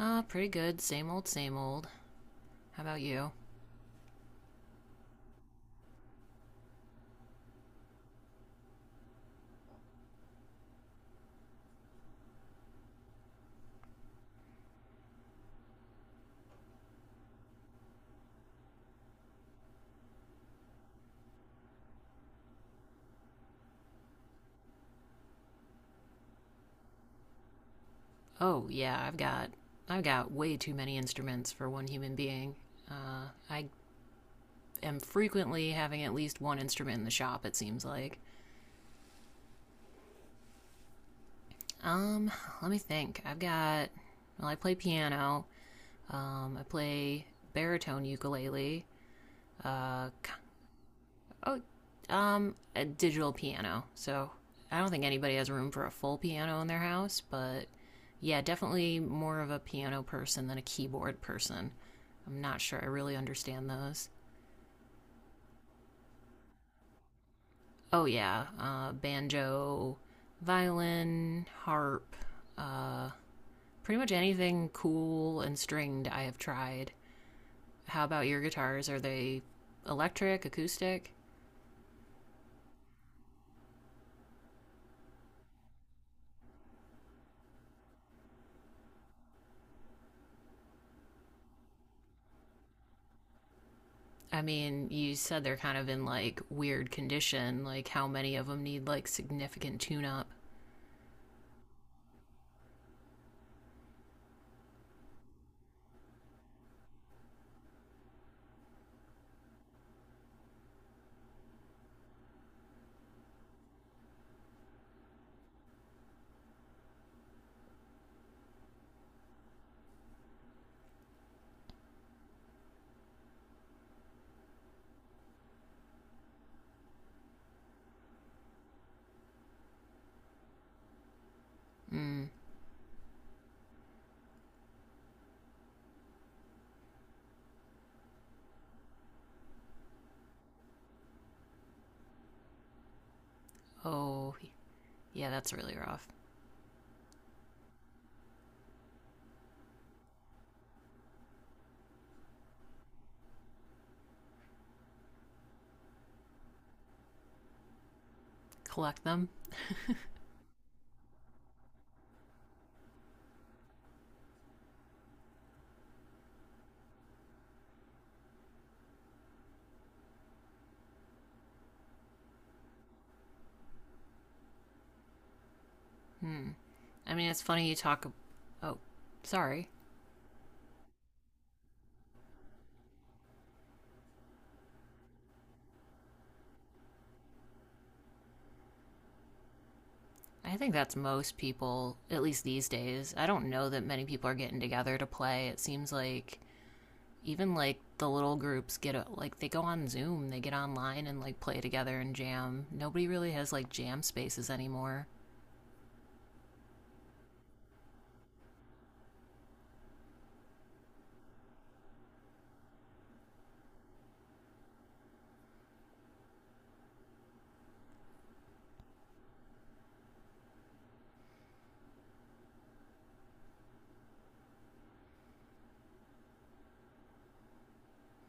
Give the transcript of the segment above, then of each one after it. Pretty good. Same old, same old. How about you? Oh, yeah, I've got way too many instruments for one human being. I am frequently having at least one instrument in the shop, it seems like. Um, Let me think. I've got. Well, I play piano. I play baritone ukulele, uh, Oh, a digital piano. So I don't think anybody has room for a full piano in their house, but yeah, definitely more of a piano person than a keyboard person. I'm not sure I really understand those. Oh, yeah, banjo, violin, harp, uh, pretty much anything cool and stringed I have tried. How about your guitars? Are they electric, acoustic? I mean, you said they're kind of in like weird condition. Like, how many of them need like significant tune up? Mm. Oh, yeah, that's really rough. Collect them? Hmm. I mean, it's funny you talk. Oh, sorry. I think that's most people, at least these days. I don't know that many people are getting together to play. It seems like even like the little groups like they go on Zoom, they get online and like play together and jam. Nobody really has like jam spaces anymore.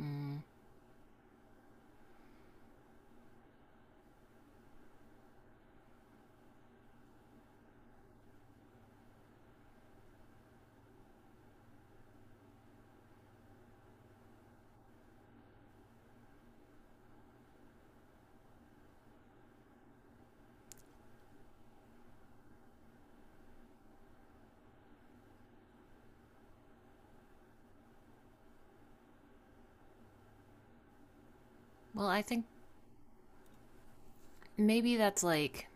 Mm. Well, I think maybe that's like,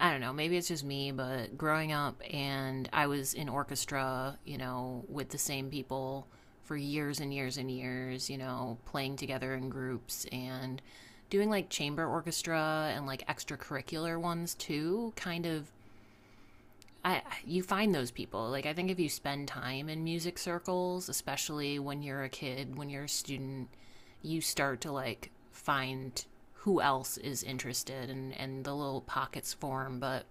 I don't know, maybe it's just me, but growing up and I was in orchestra, you know, with the same people for years and years and years, you know, playing together in groups and doing like chamber orchestra and like extracurricular ones too, you find those people. Like, I think if you spend time in music circles, especially when you're a kid, when you're a student, you start to like find who else is interested and the little pockets form. But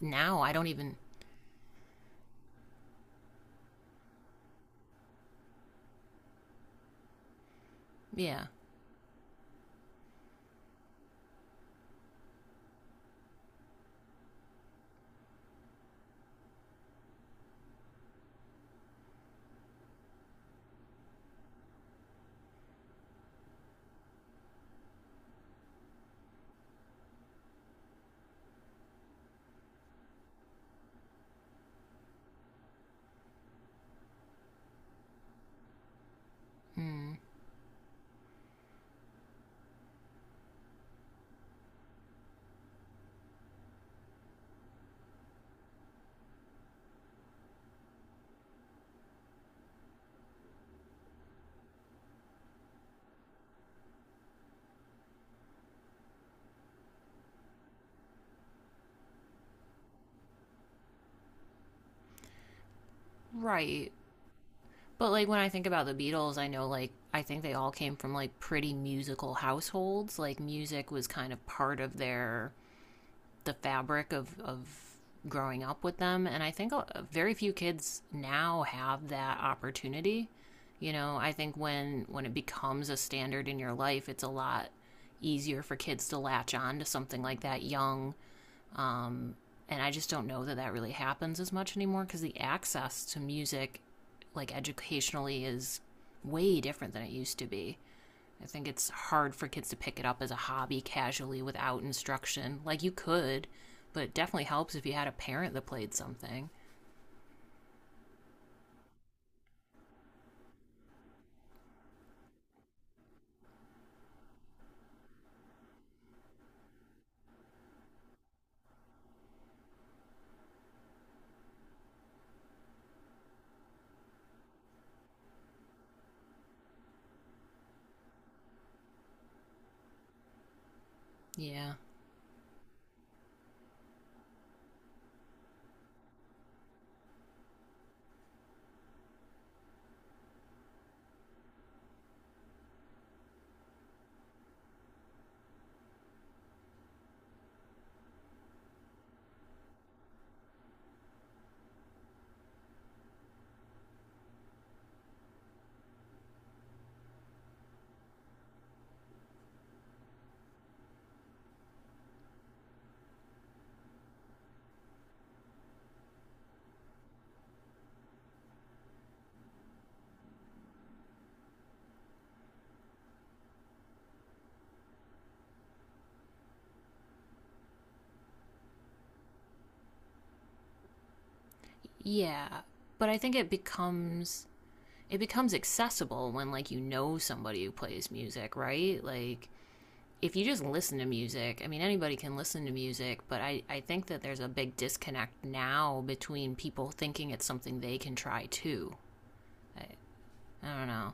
now I don't even, yeah, mm, right. But like, when I think about the Beatles, I know, like, I think they all came from like pretty musical households. Like, music was kind of part of their, the fabric of growing up with them. And I think very few kids now have that opportunity. You know, I think when it becomes a standard in your life, it's a lot easier for kids to latch on to something like that young. And I just don't know that that really happens as much anymore because the access to music, like educationally, is way different than it used to be. I think it's hard for kids to pick it up as a hobby casually without instruction. Like you could, but it definitely helps if you had a parent that played something. Yeah. Yeah. But I think it becomes accessible when like you know somebody who plays music, right? Like if you just listen to music, I mean anybody can listen to music, but I think that there's a big disconnect now between people thinking it's something they can try too. I, I don't know.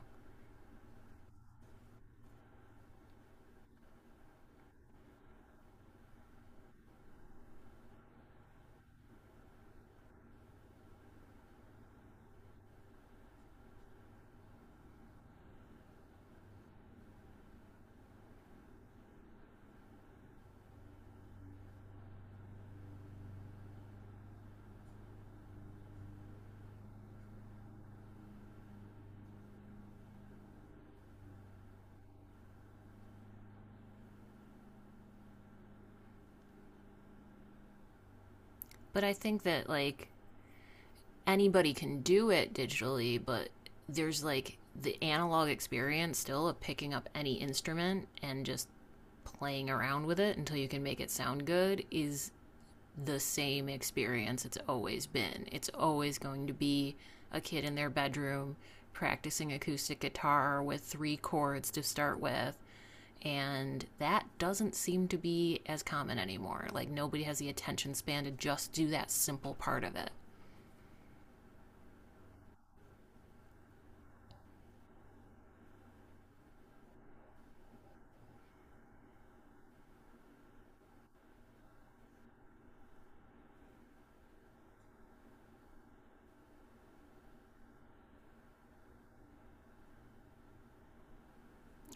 But I think that like anybody can do it digitally, but there's like the analog experience still of picking up any instrument and just playing around with it until you can make it sound good is the same experience it's always been. It's always going to be a kid in their bedroom practicing acoustic guitar with three chords to start with. And that doesn't seem to be as common anymore. Like, nobody has the attention span to just do that simple part of it.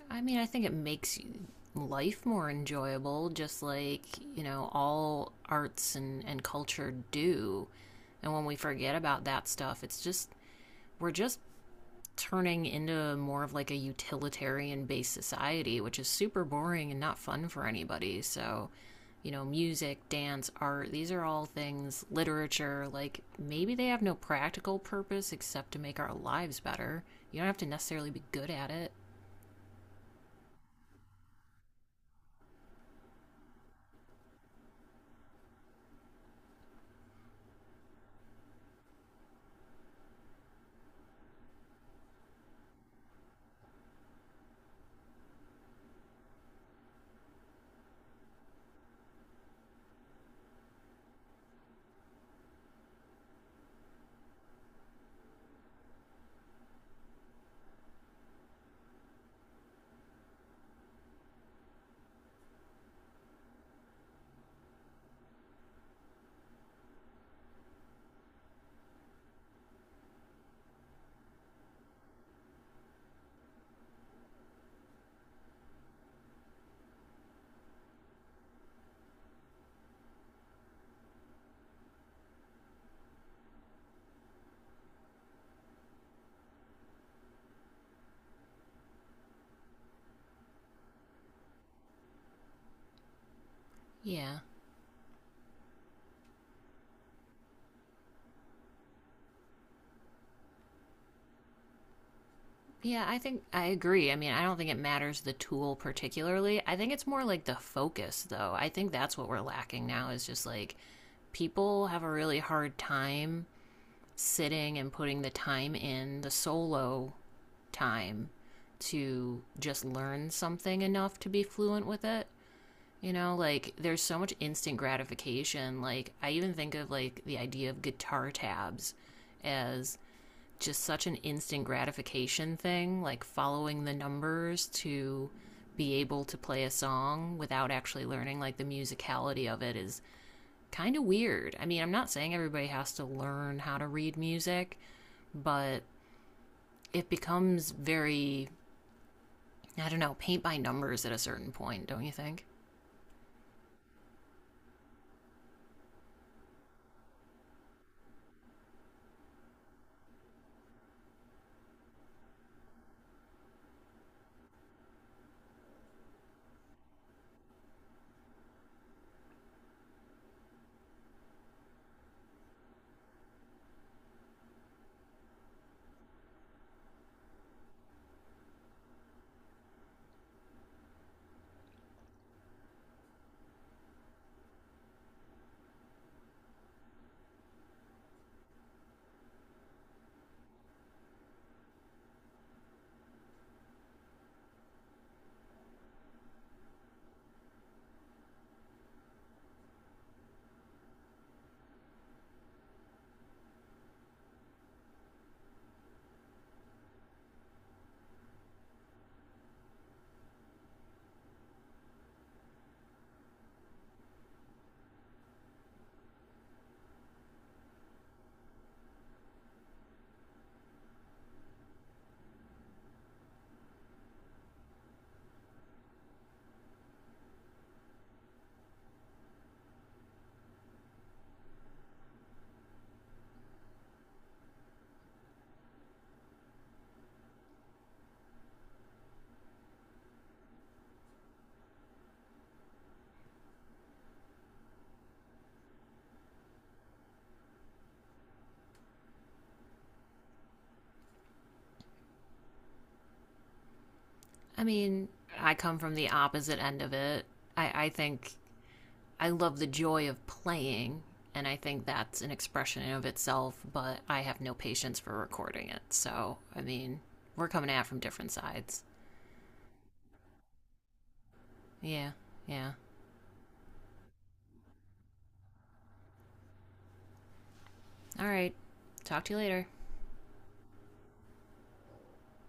I mean, I think it makes life more enjoyable, just like, you know, all arts and culture do. And when we forget about that stuff, it's just, we're just turning into more of like a utilitarian based society, which is super boring and not fun for anybody. So, you know, music, dance, art, these are all things, literature, like maybe they have no practical purpose except to make our lives better. You don't have to necessarily be good at it. Yeah. Yeah, I think I agree. I mean, I don't think it matters the tool particularly. I think it's more like the focus, though. I think that's what we're lacking now is just like people have a really hard time sitting and putting the time in, the solo time to just learn something enough to be fluent with it. You know, like there's so much instant gratification. Like, I even think of like the idea of guitar tabs as just such an instant gratification thing, like following the numbers to be able to play a song without actually learning like the musicality of it is kind of weird. I mean, I'm not saying everybody has to learn how to read music, but it becomes very, I don't know, paint by numbers at a certain point, don't you think? I mean, I come from the opposite end of it. I think I love the joy of playing, and I think that's an expression in of itself, but I have no patience for recording it. So, I mean, we're coming at it from different sides. Yeah, yeah. All right. Talk to you later.